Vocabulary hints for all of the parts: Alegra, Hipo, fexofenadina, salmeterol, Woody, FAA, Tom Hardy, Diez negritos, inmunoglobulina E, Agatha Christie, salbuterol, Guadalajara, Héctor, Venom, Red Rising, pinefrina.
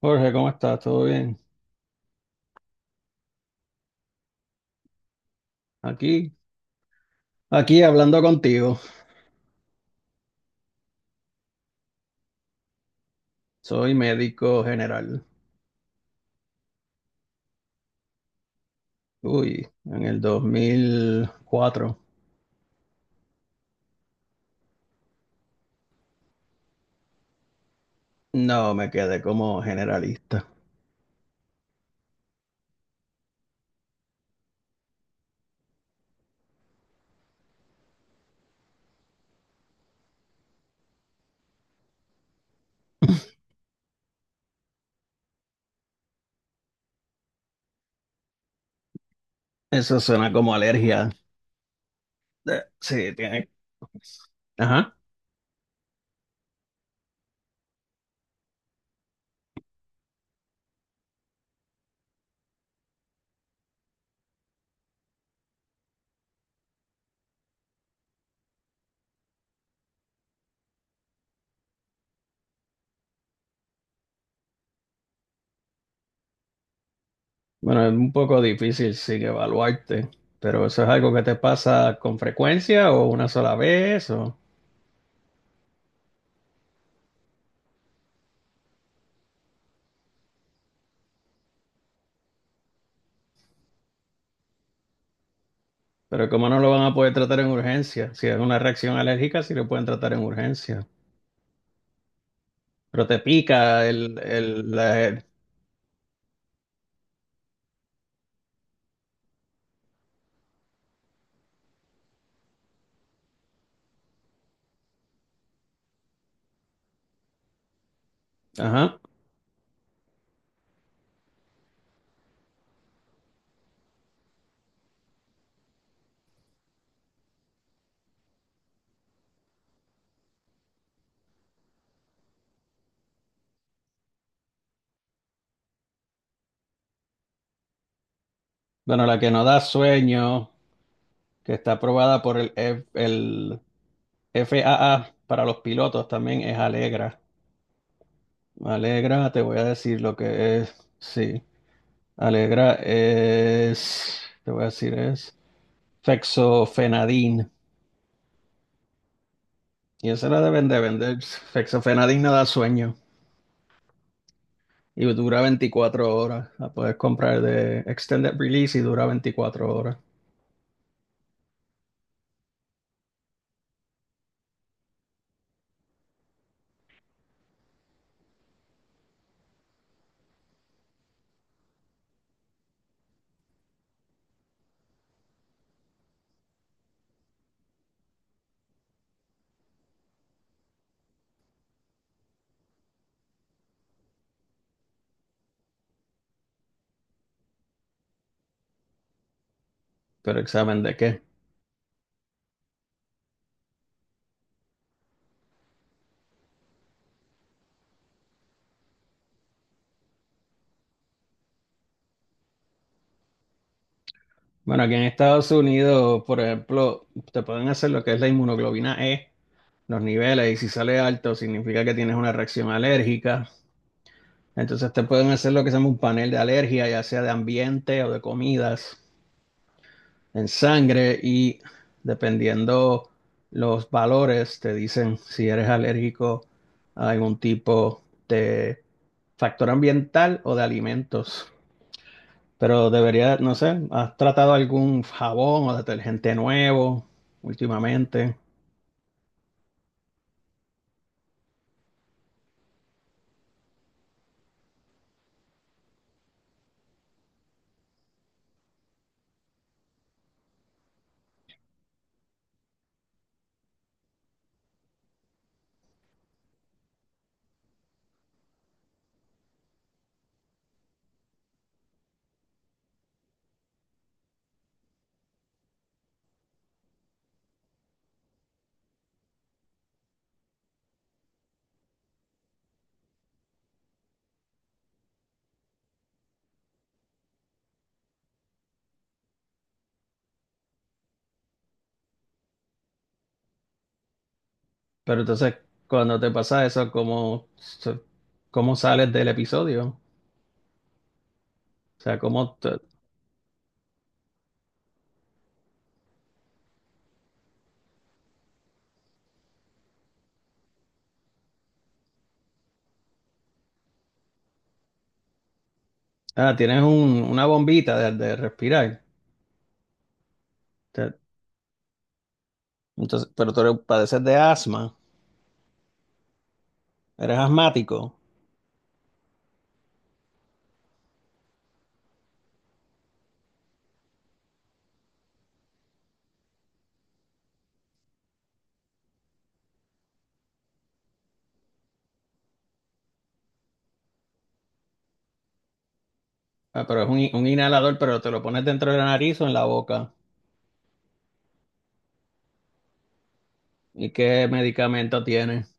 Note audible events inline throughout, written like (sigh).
Jorge, ¿cómo estás? ¿Todo bien? Aquí, aquí hablando contigo. Soy médico general. Uy, en el 2004. No, me quedé como generalista. Eso suena como alergia. Sí, tiene. Ajá. Bueno, es un poco difícil sin evaluarte, pero eso es algo que te pasa con frecuencia o una sola vez, o... Pero como no lo van a poder tratar en urgencia, si es una reacción alérgica, sí lo pueden tratar en urgencia. Pero te pica Ajá. Bueno, la que no da sueño, que está aprobada por el FAA para los pilotos también es Alegra. Alegra, te voy a decir lo que es. Sí, Alegra es, te voy a decir es fexofenadín. Y esa la deben de vender. Fexofenadín no da sueño y dura 24 horas. La puedes comprar de extended release y dura 24 horas. ¿Pero examen de qué? Bueno, aquí en Estados Unidos, por ejemplo, te pueden hacer lo que es la inmunoglobulina E, los niveles, y si sale alto significa que tienes una reacción alérgica. Entonces te pueden hacer lo que se llama un panel de alergia, ya sea de ambiente o de comidas, en sangre, y dependiendo los valores, te dicen si eres alérgico a algún tipo de factor ambiental o de alimentos. Pero debería, no sé, ¿has tratado algún jabón o detergente nuevo últimamente? Pero entonces, cuando te pasa eso, ¿cómo sales del episodio? O sea, ¿cómo te- ah, tienes una bombita de respirar. Te- entonces, pero tú padeces de asma, eres asmático. Ah, pero es un, un inhalador, pero te lo pones dentro de la nariz o en la boca. ¿Y qué medicamento tienes?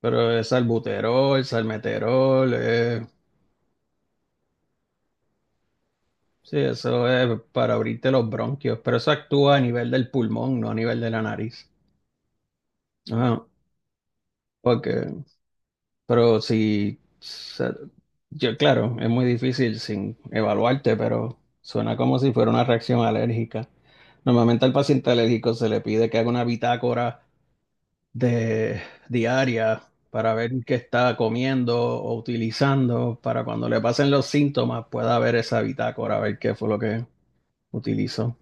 Pero es salbuterol, salmeterol. Sí, eso es para abrirte los bronquios, pero eso actúa a nivel del pulmón, no a nivel de la nariz. Ah, porque, pero si, se- yo claro, es muy difícil sin evaluarte, pero suena como si fuera una reacción alérgica. Normalmente al paciente alérgico se le pide que haga una bitácora de diaria para ver qué está comiendo o utilizando, para cuando le pasen los síntomas pueda ver esa bitácora, ver qué fue lo que utilizó.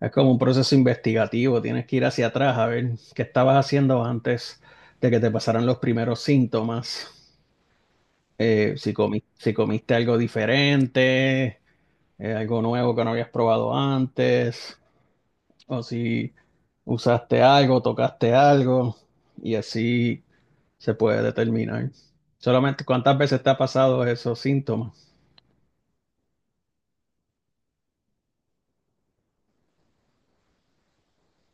Es como un proceso investigativo, tienes que ir hacia atrás a ver qué estabas haciendo antes de que te pasaran los primeros síntomas. Si comiste algo diferente, algo nuevo que no habías probado antes, o si usaste algo, tocaste algo, y así se puede determinar. Solamente cuántas veces te ha pasado esos síntomas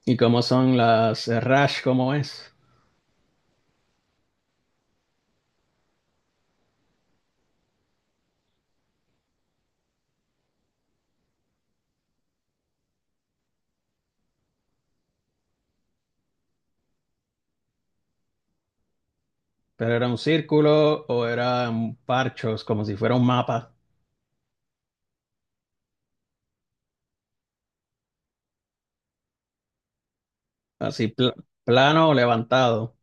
y cómo son las rash, cómo es. Pero era un círculo o eran parchos, como si fuera un mapa. así pl- plano o levantado,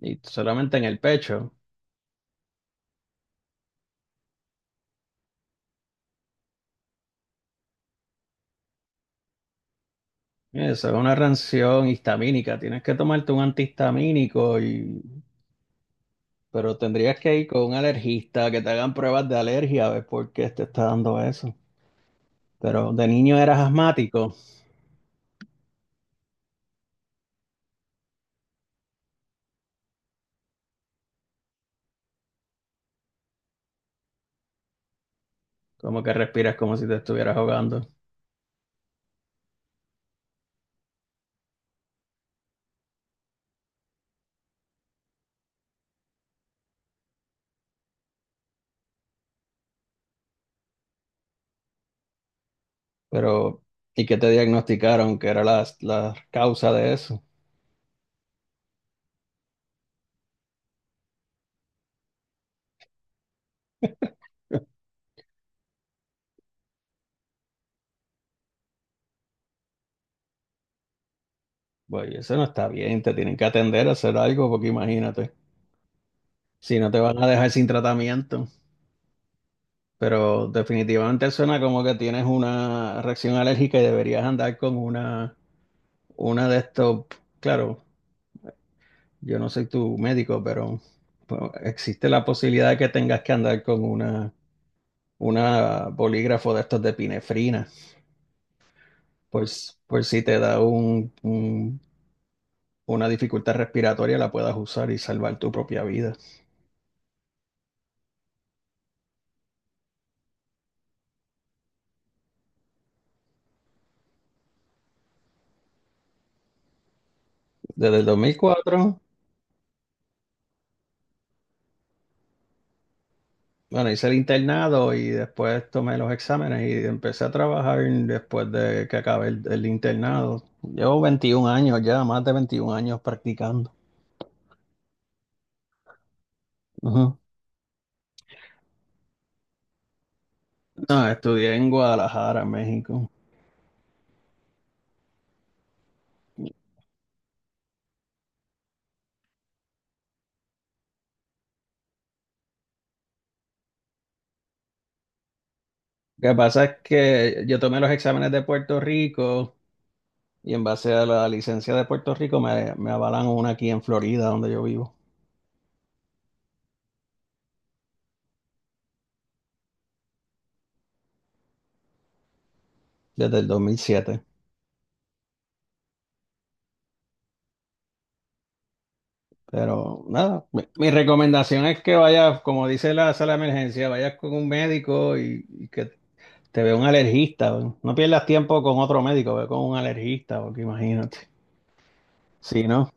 y solamente en el pecho. Eso es una reacción histamínica. Tienes que tomarte un antihistamínico, y... pero tendrías que ir con un alergista que te hagan pruebas de alergia a ver por qué te está dando eso. Pero de niño eras asmático, como que respiras como si te estuvieras ahogando. Pero, ¿y qué te diagnosticaron que era la causa de eso? Pues eso no está bien, te tienen que atender a hacer algo, porque imagínate, si no te van a dejar sin tratamiento. Pero definitivamente suena como que tienes una reacción alérgica y deberías andar con una de estos. Claro, yo no soy tu médico, pero pues, existe la posibilidad de que tengas que andar con una bolígrafo de estos de pinefrina. Pues, pues si te da un- una dificultad respiratoria, la puedas usar y salvar tu propia vida. Desde el 2004. Bueno, hice el internado y después tomé los exámenes y empecé a trabajar después de que acabé el internado. Llevo 21 años ya, más de 21 años practicando. Ujú. No, estudié en Guadalajara, México. Lo que pasa es que yo tomé los exámenes de Puerto Rico y en base a la licencia de Puerto Rico me avalan una aquí en Florida, donde yo vivo, desde el 2007. Pero nada, mi recomendación es que vayas, como dice la sala de emergencia, vayas con un médico y que te ve un alergista, weón. No pierdas tiempo con otro médico, ve con un alergista, porque imagínate. Sí, ¿no?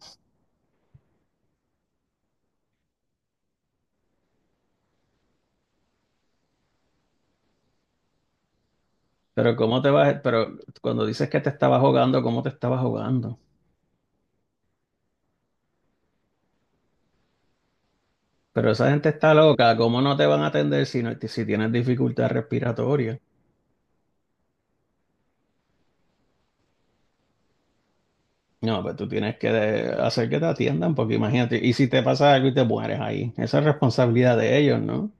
Pero cómo te vas, pero cuando dices que te estabas jugando, ¿cómo te estabas jugando? Pero esa gente está loca, ¿cómo no te van a atender si, no, si tienes dificultad respiratoria? No, pues tú tienes que hacer que te atiendan, porque imagínate, y si te pasa algo y te mueres ahí, esa es responsabilidad de ellos, ¿no?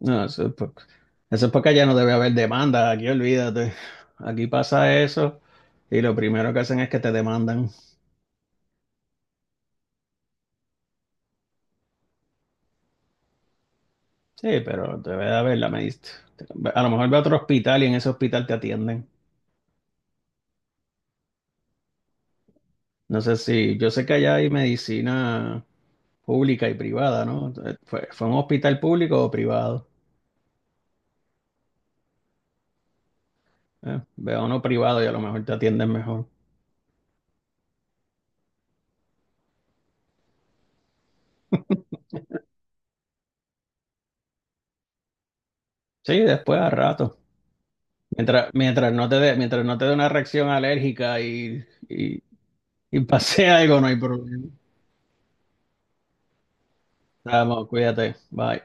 No, eso es porque ya no debe haber demanda, aquí olvídate. Aquí pasa eso y lo primero que hacen es que te demandan. Sí, pero te voy a verla, me diste. A lo mejor ve a otro hospital y en ese hospital te atienden. No sé si, yo sé que allá hay medicina pública y privada, ¿no? ¿Fue, fue un hospital público o privado? Ve a uno privado y a lo mejor te atienden mejor. Sí, después a rato. Mientras, mientras no te dé, mientras no te dé una reacción alérgica y pase (laughs) algo, no hay problema. Vamos, cuídate. Bye.